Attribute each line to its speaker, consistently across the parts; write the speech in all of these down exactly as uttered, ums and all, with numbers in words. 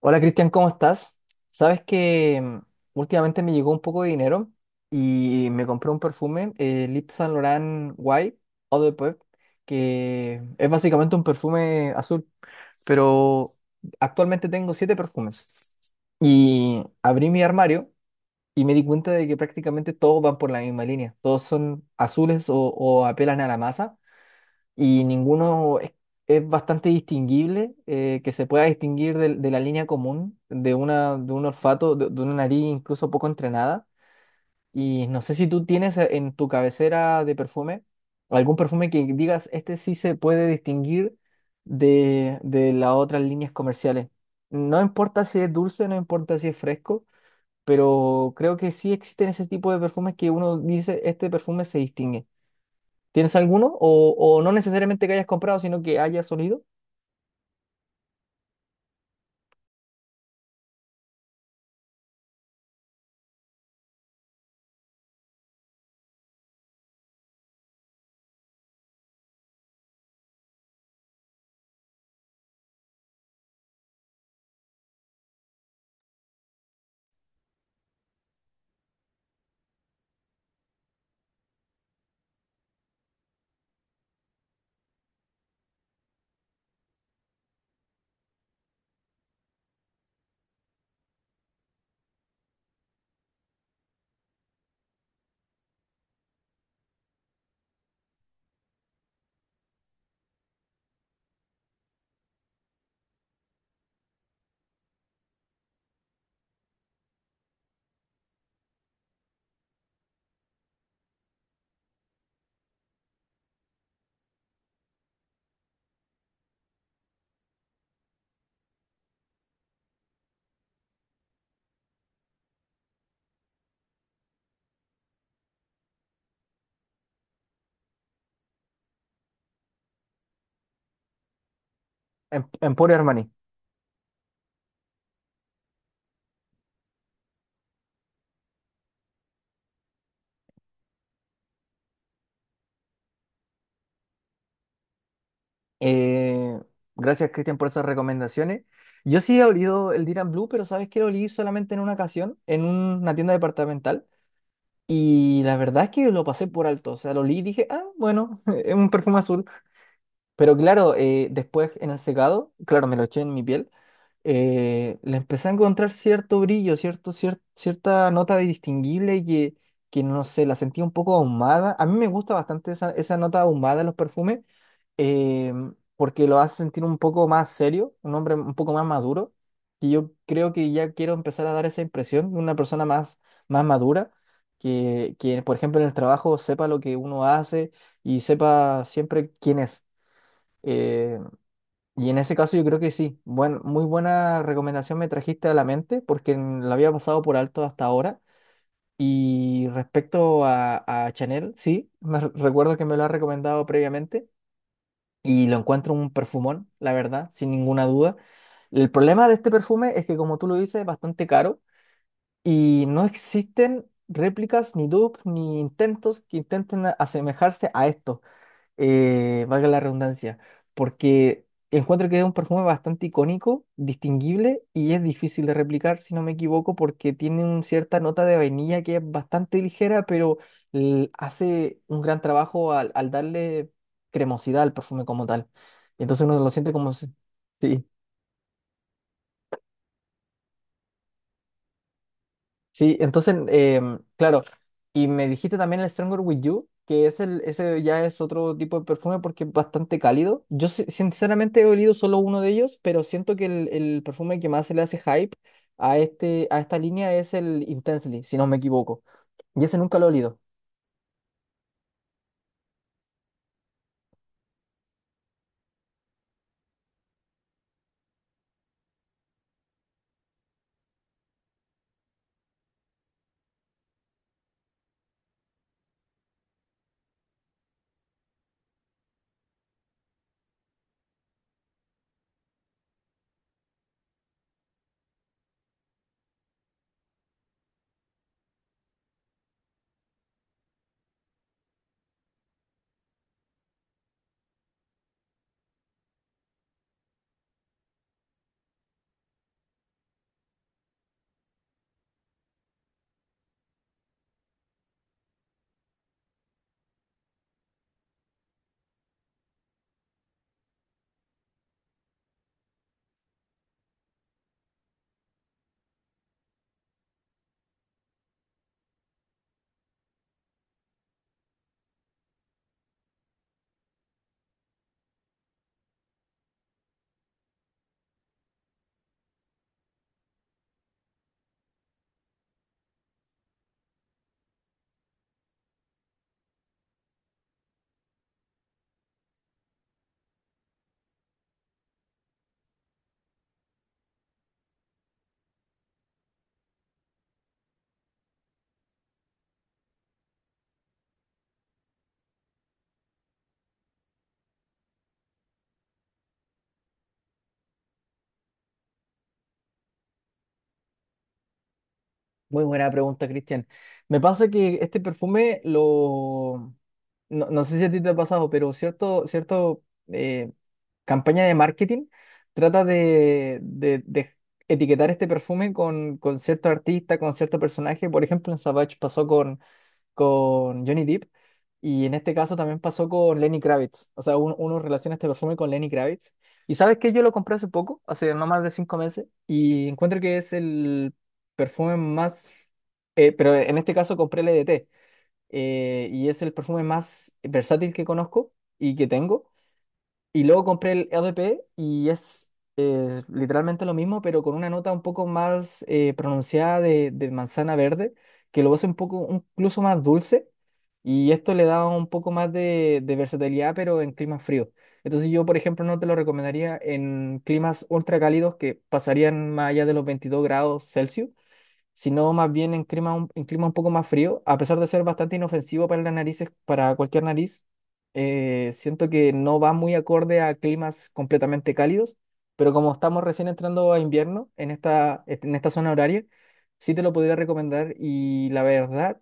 Speaker 1: Hola Cristian, ¿cómo estás? Sabes que mm, últimamente me llegó un poco de dinero y me compré un perfume, el Yves Saint Laurent White Eau de Peuple, que es básicamente un perfume azul, pero actualmente tengo siete perfumes. Y abrí mi armario y me di cuenta de que prácticamente todos van por la misma línea, todos son azules o, o apelan a la masa y ninguno es, es bastante distinguible, eh, que se pueda distinguir del- de, la línea común de, una, de un olfato, de, de una nariz incluso poco entrenada. Y no sé si tú tienes en tu cabecera de perfume algún perfume que digas, este sí se puede distinguir de, de las otras líneas comerciales. No importa si es dulce, no importa si es fresco, pero creo que sí existen ese tipo de perfumes que uno dice, este perfume se distingue. ¿Tienes alguno? O, o no necesariamente que hayas comprado, sino que hayas olido. Em- Emporio Armani. Eh, Gracias, Cristian, por esas recomendaciones. Yo sí he olido el Dylan Blue, pero sabes que lo olí solamente en una ocasión, en una tienda departamental. Y la verdad es que lo pasé por alto. O sea, lo olí y dije, ah, bueno, es un perfume azul. Pero claro, eh, después en el secado, claro, me lo eché en mi piel. Eh, le empecé a encontrar cierto brillo, cierto, cier- cierta nota de distinguible que, que no sé, la sentía un poco ahumada. A mí me gusta bastante esa, esa nota ahumada en los perfumes, eh, porque lo hace sentir un poco más serio, un hombre un poco más maduro. Y yo creo que ya quiero empezar a dar esa impresión de una persona más, más madura, que, que, por ejemplo, en el trabajo sepa lo que uno hace y sepa siempre quién es. Eh, y en ese caso yo creo que sí. Buen- muy buena recomendación me trajiste a la mente porque n- la había pasado por alto hasta ahora. Y respecto a, a Chanel, sí, me re- recuerdo que me lo ha recomendado previamente y lo encuentro un perfumón, la verdad, sin ninguna duda. El problema de este perfume es que, como tú lo dices, es bastante caro y no existen réplicas, ni dupes, ni intentos que intenten a- asemejarse a esto, eh, valga la redundancia, porque encuentro que es un perfume bastante icónico, distinguible y es difícil de replicar, si no me equivoco, porque tiene una cierta nota de vainilla que es bastante ligera, pero l- hace un gran trabajo al, al darle cremosidad al perfume como tal. Entonces uno lo siente como... si- Sí, sí, entonces, em, claro, y me dijiste también el Stronger With You, que es el, ese ya es otro tipo de perfume porque es bastante cálido. Yo si- sinceramente he olido solo uno de ellos, pero siento que el, el perfume que más se le hace hype a, este, a esta línea es el Intensely, si no me equivoco. Y ese nunca lo he olido. Muy buena pregunta, Cristian. Me pasa que este perfume lo... No, no sé si a ti te ha pasado, pero cierto, cierto eh, campaña de marketing trata de, de- de etiquetar este perfume con, con cierto artista, con cierto personaje. Por ejemplo, en Savage pasó con, con Johnny Depp. Y en este caso también pasó con Lenny Kravitz. O sea, un- uno relaciona este perfume con Lenny Kravitz. Y sabes que yo lo compré hace poco, hace no más de cinco meses, y encuentro que es el perfume más, eh, pero en este caso compré el E D T, eh, y es el perfume más versátil que conozco y que tengo. Y luego compré el E D P y es eh, literalmente lo mismo, pero con una nota un poco más eh, pronunciada de, de manzana verde, que lo hace un poco un- incluso más dulce y esto le da un poco más de, de versatilidad, pero en climas fríos. Entonces yo, por ejemplo, no te lo recomendaría en climas ultra cálidos que pasarían más allá de los veintidós grados Celsius, sino más bien en clima, un- en clima un poco más frío, a pesar de ser bastante inofensivo para las narices, para cualquier nariz. Eh, siento que no va muy acorde a climas completamente cálidos, pero como estamos recién entrando a invierno en esta, en esta zona horaria, sí te lo podría recomendar y la verdad.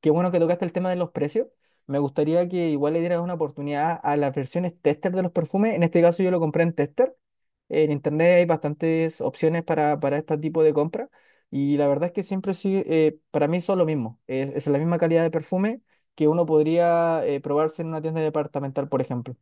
Speaker 1: Qué bueno que tocaste el tema de los precios. Me gustaría que igual le dieras una oportunidad a las versiones tester de los perfumes. En este caso yo lo compré en tester. En internet hay bastantes opciones para, para este tipo de compra. Y la verdad es que siempre sí, eh, para mí son lo mismo. Es, es la misma calidad de perfume que uno podría eh, probarse en una tienda departamental, por ejemplo.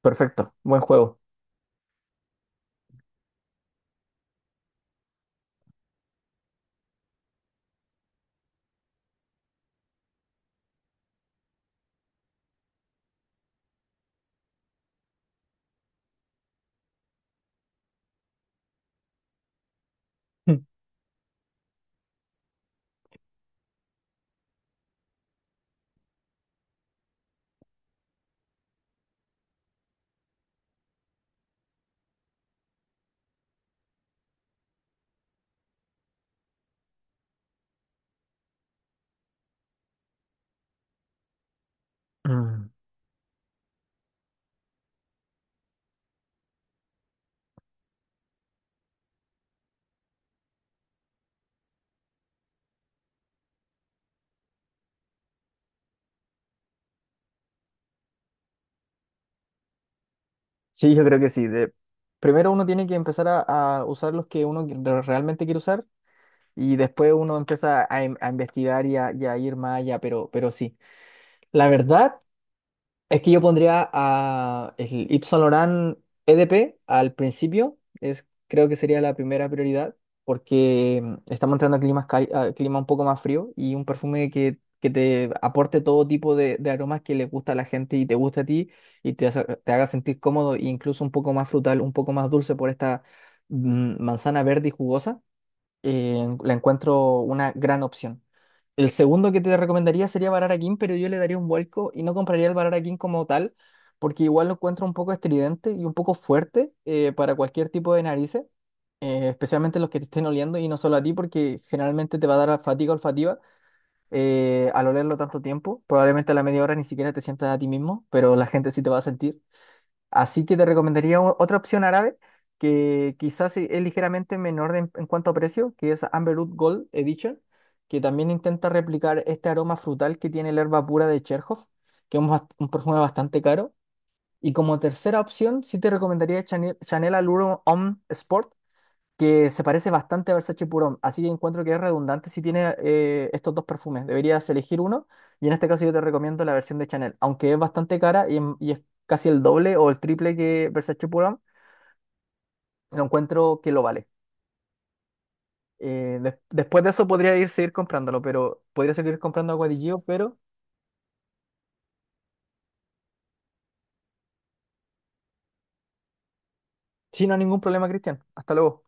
Speaker 1: Perfecto, buen juego. Mm. Mm. Sí, yo creo que sí. de- Primero uno tiene que empezar a, a usar los que uno que- realmente quiere usar. Y después uno empieza a, in- a investigar y a, y a ir más allá, pero, pero sí. La verdad es que yo pondría a el Yves Saint Laurent E D P al principio, es, creo que sería la primera prioridad, porque mm, estamos entrando a climas, cali- a clima un poco más frío y un perfume que, que te aporte todo tipo de, de aromas que le gusta a la gente y te gusta a ti y te, hace- te haga sentir cómodo e incluso un poco más frutal, un poco más dulce por esta mm, manzana verde y jugosa, eh, la encuentro una gran opción. El segundo que te recomendaría sería Barara King, pero yo le daría un vuelco y no compraría el Barara King como tal, porque igual lo encuentro un poco estridente y un poco fuerte, eh, para cualquier tipo de narices, eh, especialmente los que te estén oliendo y no solo a ti, porque generalmente te va a dar fatiga olfativa, eh, al olerlo tanto tiempo. Probablemente a la media hora ni siquiera te sientas a ti mismo, pero la gente sí te va a sentir. Así que te recomendaría o- otra opción árabe que quizás e- es ligeramente menor en en cuanto a precio, que es Amberwood Gold Edition, que también intenta replicar este aroma frutal que tiene la herba pura de Cherhoff, que es un, bast- un perfume bastante caro. Y como tercera opción, sí te recomendaría Chanel, Chanel Allure Homme Sport, que se parece bastante a Versace Purón, así que encuentro que es redundante si tiene, eh, estos dos perfumes. Deberías elegir uno y en este caso yo te recomiendo la versión de Chanel, aunque es bastante cara y, en- y es casi el doble o el triple que Versace Purón, lo encuentro que lo vale. Eh, des- después de eso podría ir seguir comprándolo, pero podría seguir comprando a Guadillo, pero sí, no hay ningún problema, Cristian. Hasta luego.